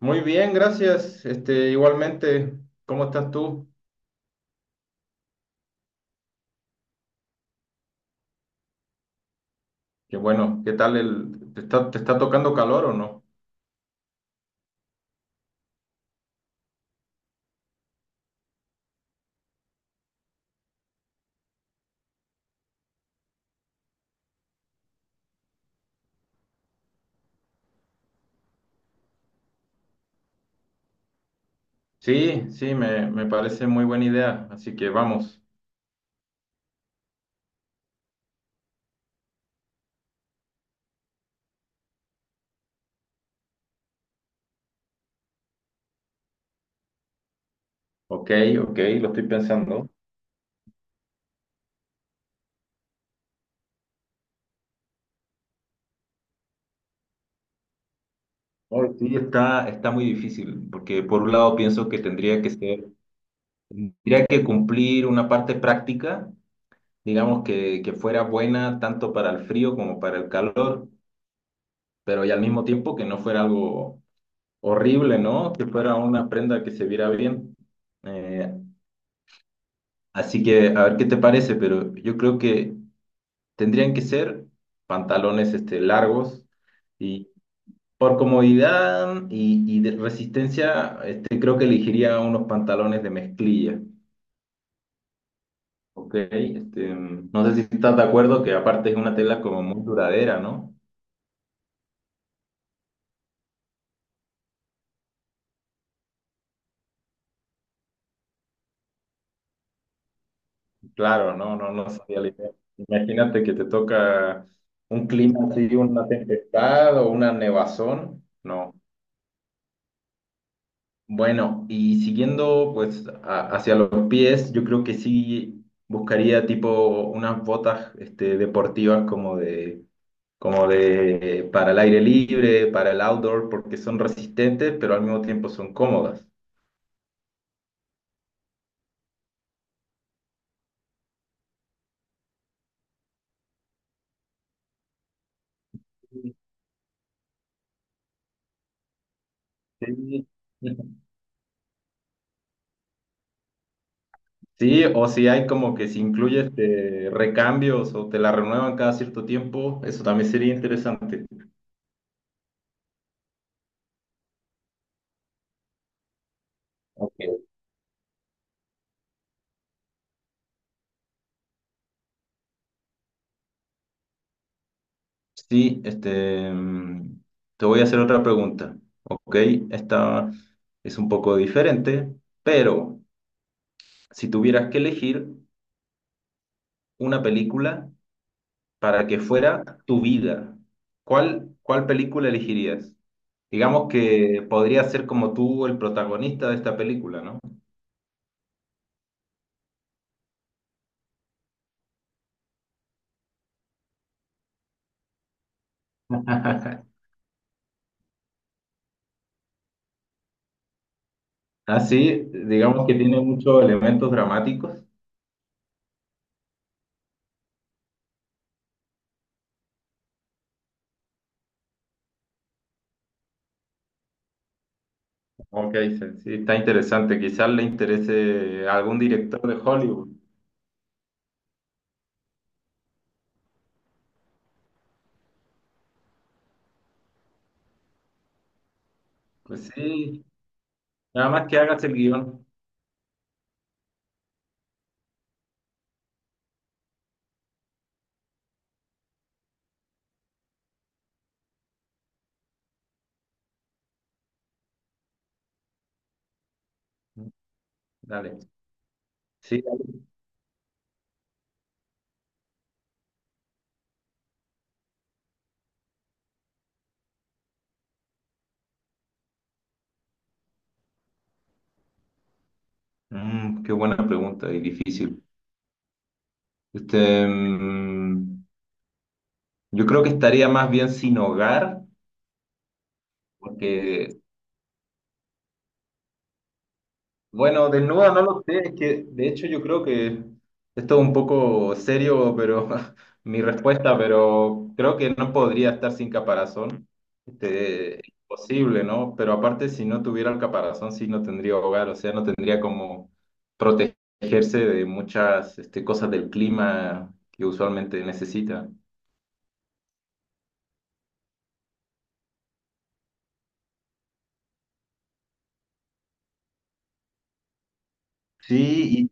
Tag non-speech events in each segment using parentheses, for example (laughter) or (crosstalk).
Muy bien, gracias. Igualmente, ¿cómo estás tú? Qué bueno, ¿qué tal te está tocando calor o no? Sí, sí, me parece muy buena idea, así que vamos. Ok, ok, lo estoy pensando. Ay, sí, está muy difícil, porque por un lado pienso que tendría que ser, tendría que cumplir una parte práctica, digamos que fuera buena tanto para el frío como para el calor, pero y al mismo tiempo que no fuera algo horrible, ¿no? Que fuera una prenda que se viera bien. Eh, Así que a ver qué te parece, pero yo creo que tendrían que ser pantalones largos y por comodidad y de resistencia, creo que elegiría unos pantalones de mezclilla, ¿ok? No sé si estás de acuerdo que aparte es una tela como muy duradera, ¿no? Claro, no, no, no sabía la idea. Imagínate que te toca un clima así, una tempestad o una nevazón. No. Bueno, y siguiendo pues hacia los pies, yo creo que sí buscaría tipo unas botas deportivas como de para el aire libre, para el outdoor, porque son resistentes, pero al mismo tiempo son cómodas. Sí. (laughs) Sí, o si hay como que si incluye recambios o te la renuevan cada cierto tiempo, eso también sería interesante. Ok. Sí, te voy a hacer otra pregunta, ¿ok? Esta es un poco diferente, pero si tuvieras que elegir una película para que fuera tu vida, ¿cuál película elegirías? Digamos que podría ser como tú el protagonista de esta película, ¿no? (laughs) Ah, sí, digamos que tiene muchos elementos dramáticos. Ok, sí, sí, está interesante. Quizás le interese a algún director de Hollywood. Pues sí, nada más que hagas el guión. Dale. Sí, dale. Mm, qué buena pregunta y difícil. Este, mm, yo creo que estaría más bien sin hogar, porque... Bueno, desnuda no lo sé, es que de hecho yo creo que esto es un poco serio, pero (laughs) mi respuesta, pero creo que no podría estar sin caparazón. Imposible, ¿no? Pero aparte, si no tuviera el caparazón, sí, no tendría hogar, o sea, no tendría como protegerse de muchas cosas del clima que usualmente necesita. Sí,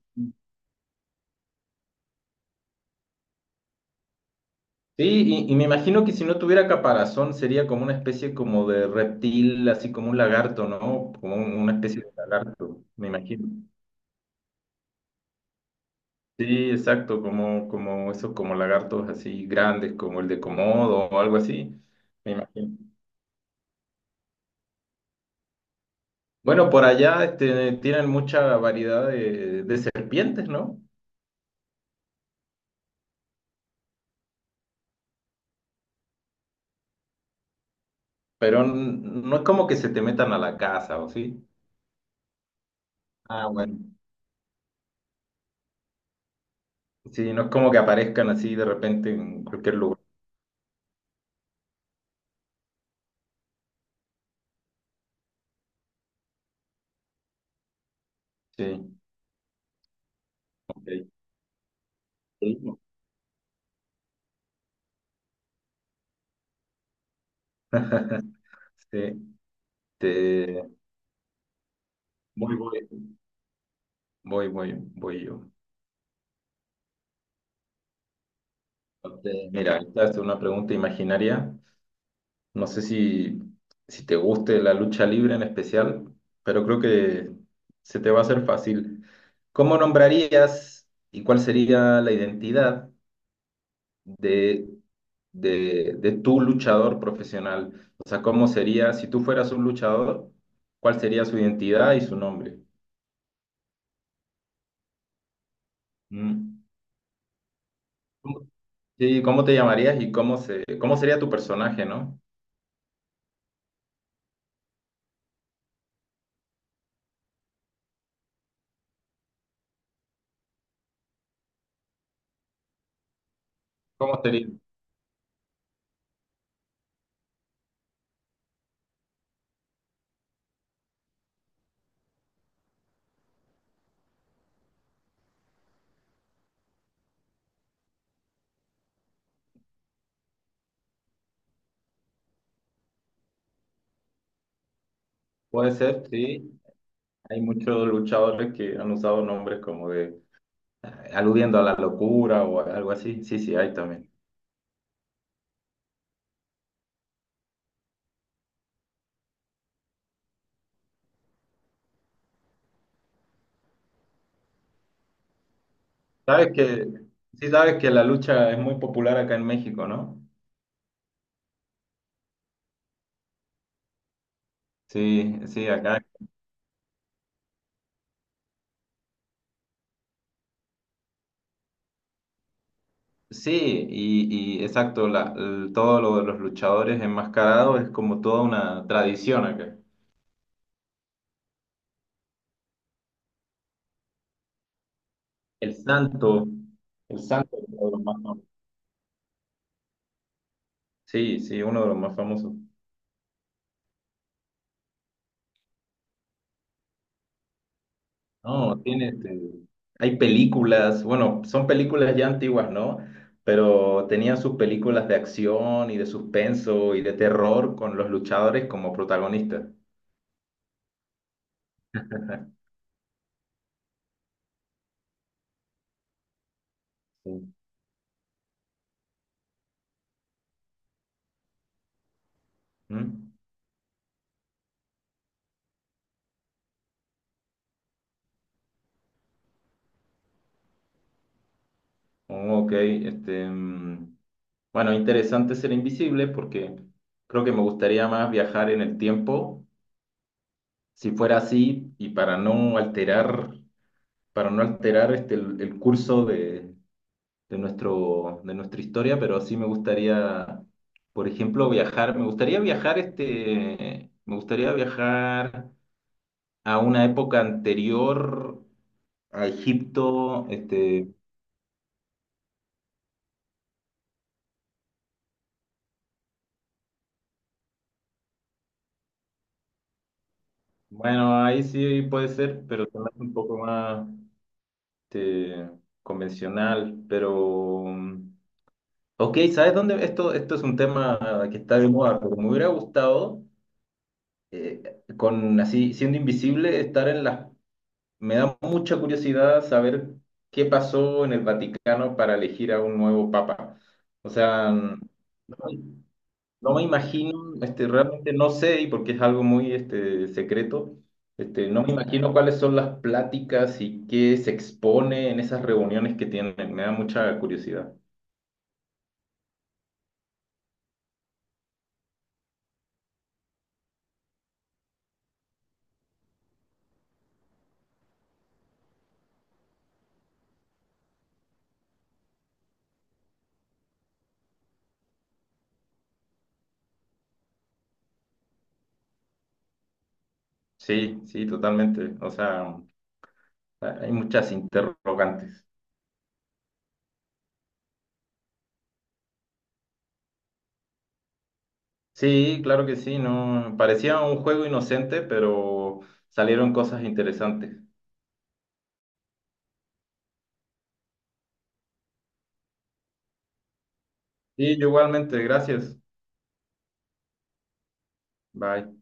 sí, y me imagino que si no tuviera caparazón sería como una especie como de reptil, así como un lagarto, ¿no? Como una especie de lagarto, me imagino. Sí, exacto, como esos como lagartos así grandes, como el de Komodo o algo así, me imagino. Bueno, por allá tienen mucha variedad de serpientes, ¿no? Pero no es como que se te metan a la casa, ¿o sí? Ah, bueno. Sí, no es como que aparezcan así de repente en cualquier lugar. Sí, ok. Sí. (laughs) Sí, te... Voy, voy, voy yo. Entonces, mira, esta es una pregunta imaginaria. No sé si te guste la lucha libre en especial, pero creo que se te va a hacer fácil. ¿Cómo nombrarías y cuál sería la identidad de, de tu luchador profesional? O sea, ¿cómo sería, si tú fueras un luchador, cuál sería su identidad y su nombre? Mm. Sí, ¿cómo te llamarías y cómo sería tu personaje, ¿no? ¿Cómo sería? Puede ser, sí. Hay muchos luchadores que han usado nombres como de eh, aludiendo a la locura o algo así. Sí, sí, hay también. Sabes que, sí sabes que la lucha es muy popular acá en México, ¿no? Sí, sí, acá. Sí, y exacto, todo lo de los luchadores enmascarados es como toda una tradición acá. El santo, el santo es uno de los más famosos. Sí, sí, uno de los más famosos. No, tiene hay películas, bueno, son películas ya antiguas, ¿no? Pero tenían sus películas de acción y de suspenso y de terror con los luchadores como protagonistas. (laughs) Sí. ¿Mm? Oh, ok, bueno, interesante ser invisible porque creo que me gustaría más viajar en el tiempo, si fuera así, y para no alterar el curso de nuestro, de nuestra historia, pero sí me gustaría, por ejemplo, viajar. Me gustaría viajar me gustaría viajar a una época anterior a Egipto. Bueno, ahí sí puede ser, pero se me hace un poco más este, convencional. Pero, mm, ok, ¿sabes dónde? Esto es un tema que está de moda, pero me hubiera gustado con así siendo invisible, estar en las... Me da mucha curiosidad saber qué pasó en el Vaticano para elegir a un nuevo papa. O sea, me no me imagino, realmente no sé, y porque es algo muy secreto, no me imagino cuáles son las pláticas y qué se expone en esas reuniones que tienen. Me da mucha curiosidad. Sí, sí, totalmente. O sea, hay muchas interrogantes. Sí, claro que sí, no, parecía un juego inocente, pero salieron cosas interesantes. Sí, igualmente, gracias. Bye.